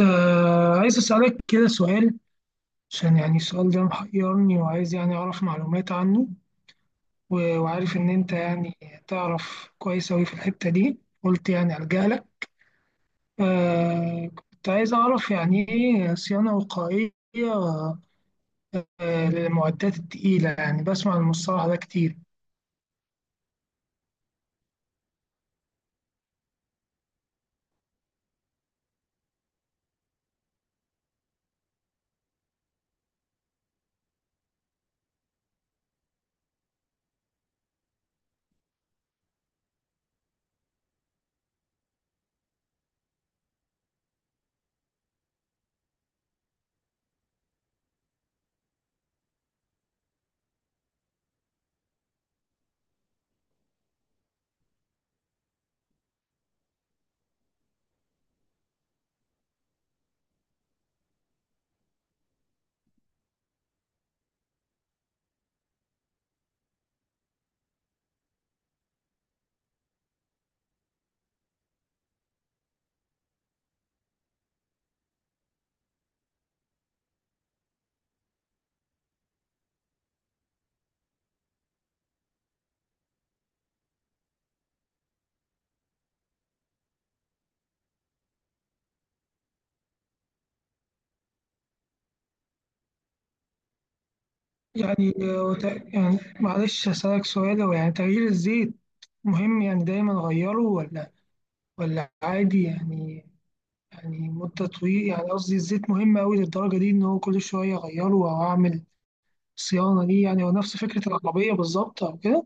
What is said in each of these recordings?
آه، عايز أسألك كده سؤال، عشان يعني السؤال ده محيرني وعايز يعني أعرف معلومات عنه. وعارف إن أنت يعني تعرف كويس أوي في الحتة دي، قلت يعني ألجأ لك. آه، كنت عايز أعرف يعني إيه صيانة وقائية، آه، للمعدات التقيلة، يعني بسمع المصطلح ده كتير. يعني يعني معلش أسألك سؤال، هو يعني تغيير الزيت مهم؟ يعني دايما أغيره ولا عادي يعني؟ يعني مدة طويلة، يعني قصدي الزيت مهم أوي للدرجة دي إن هو كل شوية أغيره أو أعمل صيانة ليه؟ يعني هو نفس فكرة العربية بالظبط أو كده؟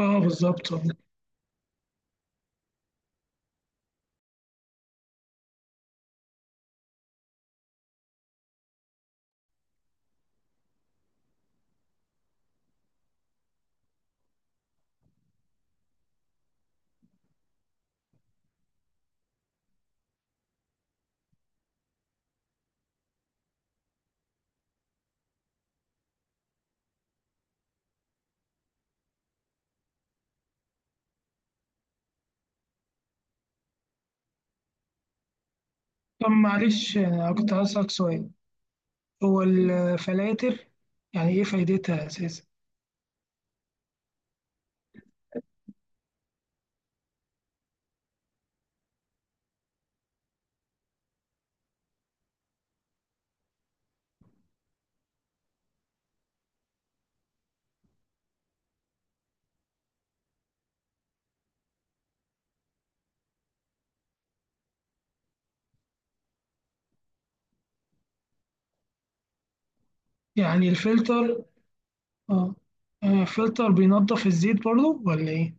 أه، بالظبط أه. طب معلش أنا كنت هسألك سؤال، هو الفلاتر يعني إيه فايدتها أساسا؟ يعني الفلتر أه، آه، الفلتر بينضف الزيت برضه ولا إيه؟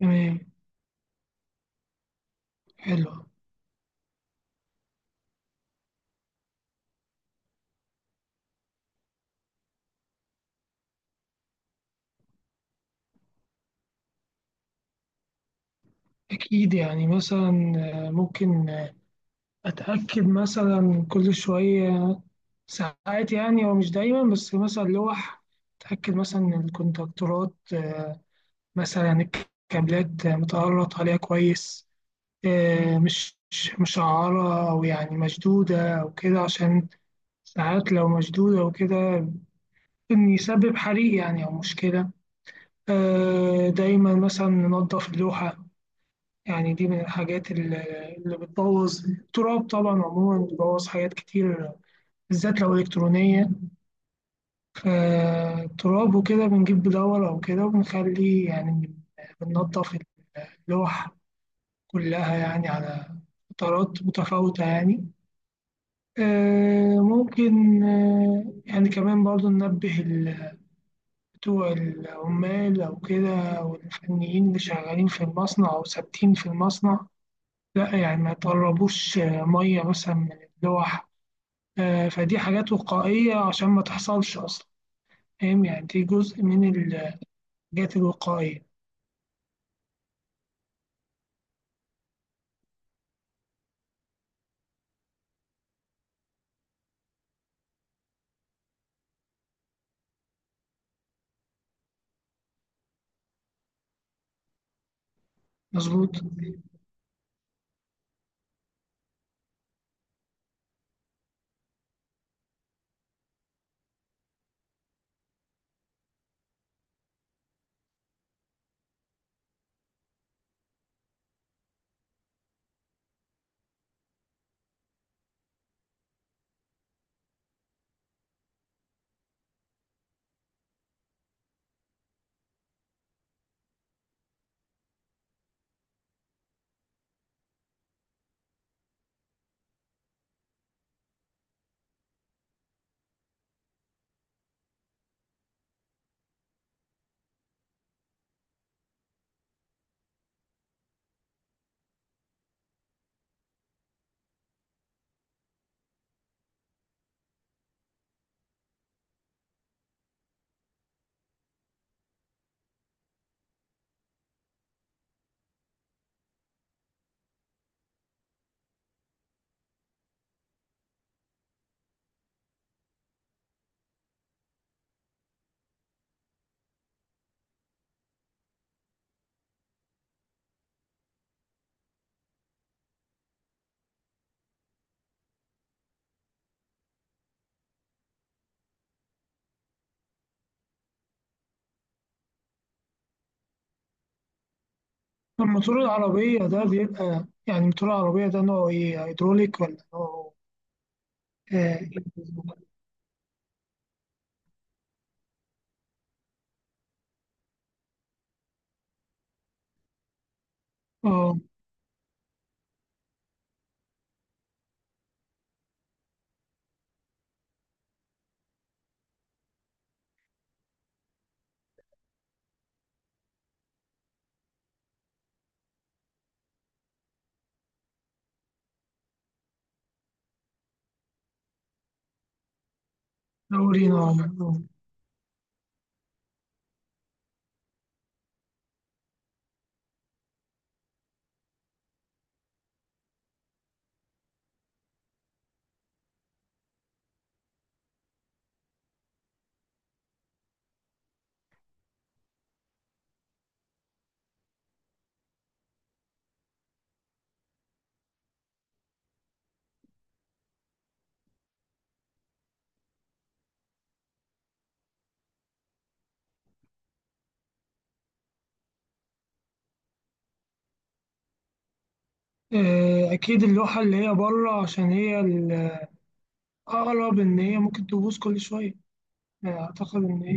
تمام. حلو. أكيد يعني، مثلا آه، ممكن آه، أتأكد مثلا كل شوية ساعات، يعني هو مش دايما، بس مثلا لوح، أتأكد مثلا إن الكونتاكتورات آه، مثلا الكابلات آه، متقرط عليها كويس، آه، مش مشعرة أو يعني مشدودة أو كده، عشان ساعات لو مشدودة وكده إن يسبب حريق يعني أو مشكلة. آه، دايما مثلا ننضف اللوحة، يعني دي من الحاجات اللي بتبوظ. التراب طبعا عموما بيبوظ حاجات كتير، بالذات لو إلكترونية. فالتراب وكده بنجيب بدور أو كده وبنخلي يعني بننضف اللوح كلها يعني على فترات متفاوتة يعني. آه، ممكن آه، يعني كمان برضو ننبه بتوع العمال أو كده والفنيين اللي شغالين في المصنع أو ثابتين في المصنع، لا يعني ما يطربوش آه، مية مثلا من اللوح. آه، فدي حاجات وقائية عشان ما تحصلش أصلا. فاهم يعني؟ دي جزء من ال الحاجات الوقائية. مظبوط. الموتور العربية ده بيبقى، يعني الموتور العربية ده نوعه إيه، هيدروليك ولا نوعه إيه؟ آه آه، دورينا آه. آه، أكيد اللوحة اللي هي بره، عشان هي الأقرب، إن هي ممكن تبوظ كل شوية. آه، أعتقد إن هي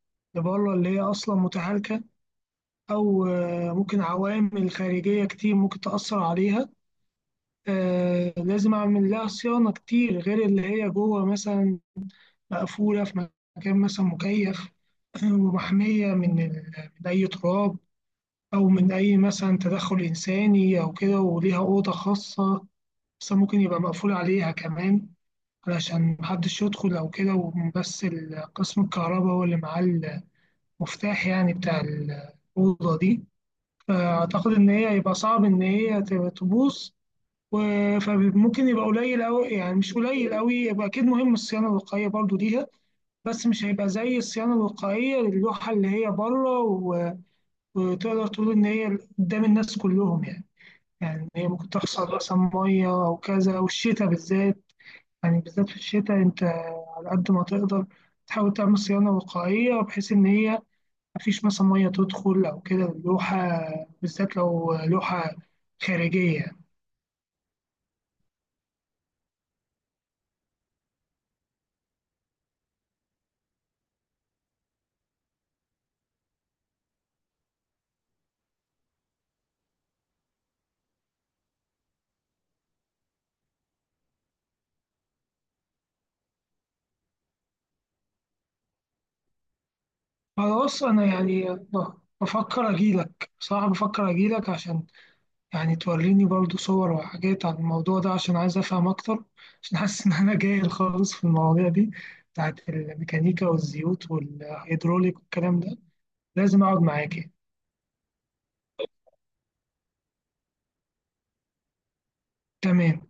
اللي بره اللي هي أصلا متهالكة، أو آه، ممكن عوامل خارجية كتير ممكن تأثر عليها. آه، لازم أعمل لها صيانة كتير غير اللي هي جوه مثلا مقفولة في مكان مثلا مكيف ومحمية من أي تراب أو من أي مثلا تدخل إنساني أو كده، وليها أوضة خاصة بس، ممكن يبقى مقفول عليها كمان علشان محدش يدخل أو كده، وبس قسم الكهرباء هو اللي معاه المفتاح يعني بتاع الأوضة دي. فأعتقد إن هي هيبقى صعب إن هي تبقى تبوظ. فممكن يبقى قليل أوي، يعني مش قليل أوي، يبقى أكيد مهم الصيانة الوقائية برضو ليها، بس مش هيبقى زي الصيانة الوقائية للوحة اللي هي بره، وتقدر تقول إن هي قدام الناس كلهم يعني. يعني هي ممكن تحصل مثلا مية أو كذا، أو الشتاء بالذات، يعني بالذات في الشتاء، أنت على قد ما تقدر تحاول تعمل صيانة وقائية بحيث إن هي مفيش مثلا مية تدخل أو كده اللوحة، بالذات لو لوحة خارجية. خلاص. أنا يعني بفكر أجيلك بصراحة، بفكر أجيلك عشان يعني توريني برضو صور وحاجات عن الموضوع ده، عشان عايز أفهم أكتر، عشان حاسس إن أنا جاهل خالص في المواضيع دي بتاعت الميكانيكا والزيوت والهيدروليك والكلام ده. لازم أقعد معاك يعني. تمام.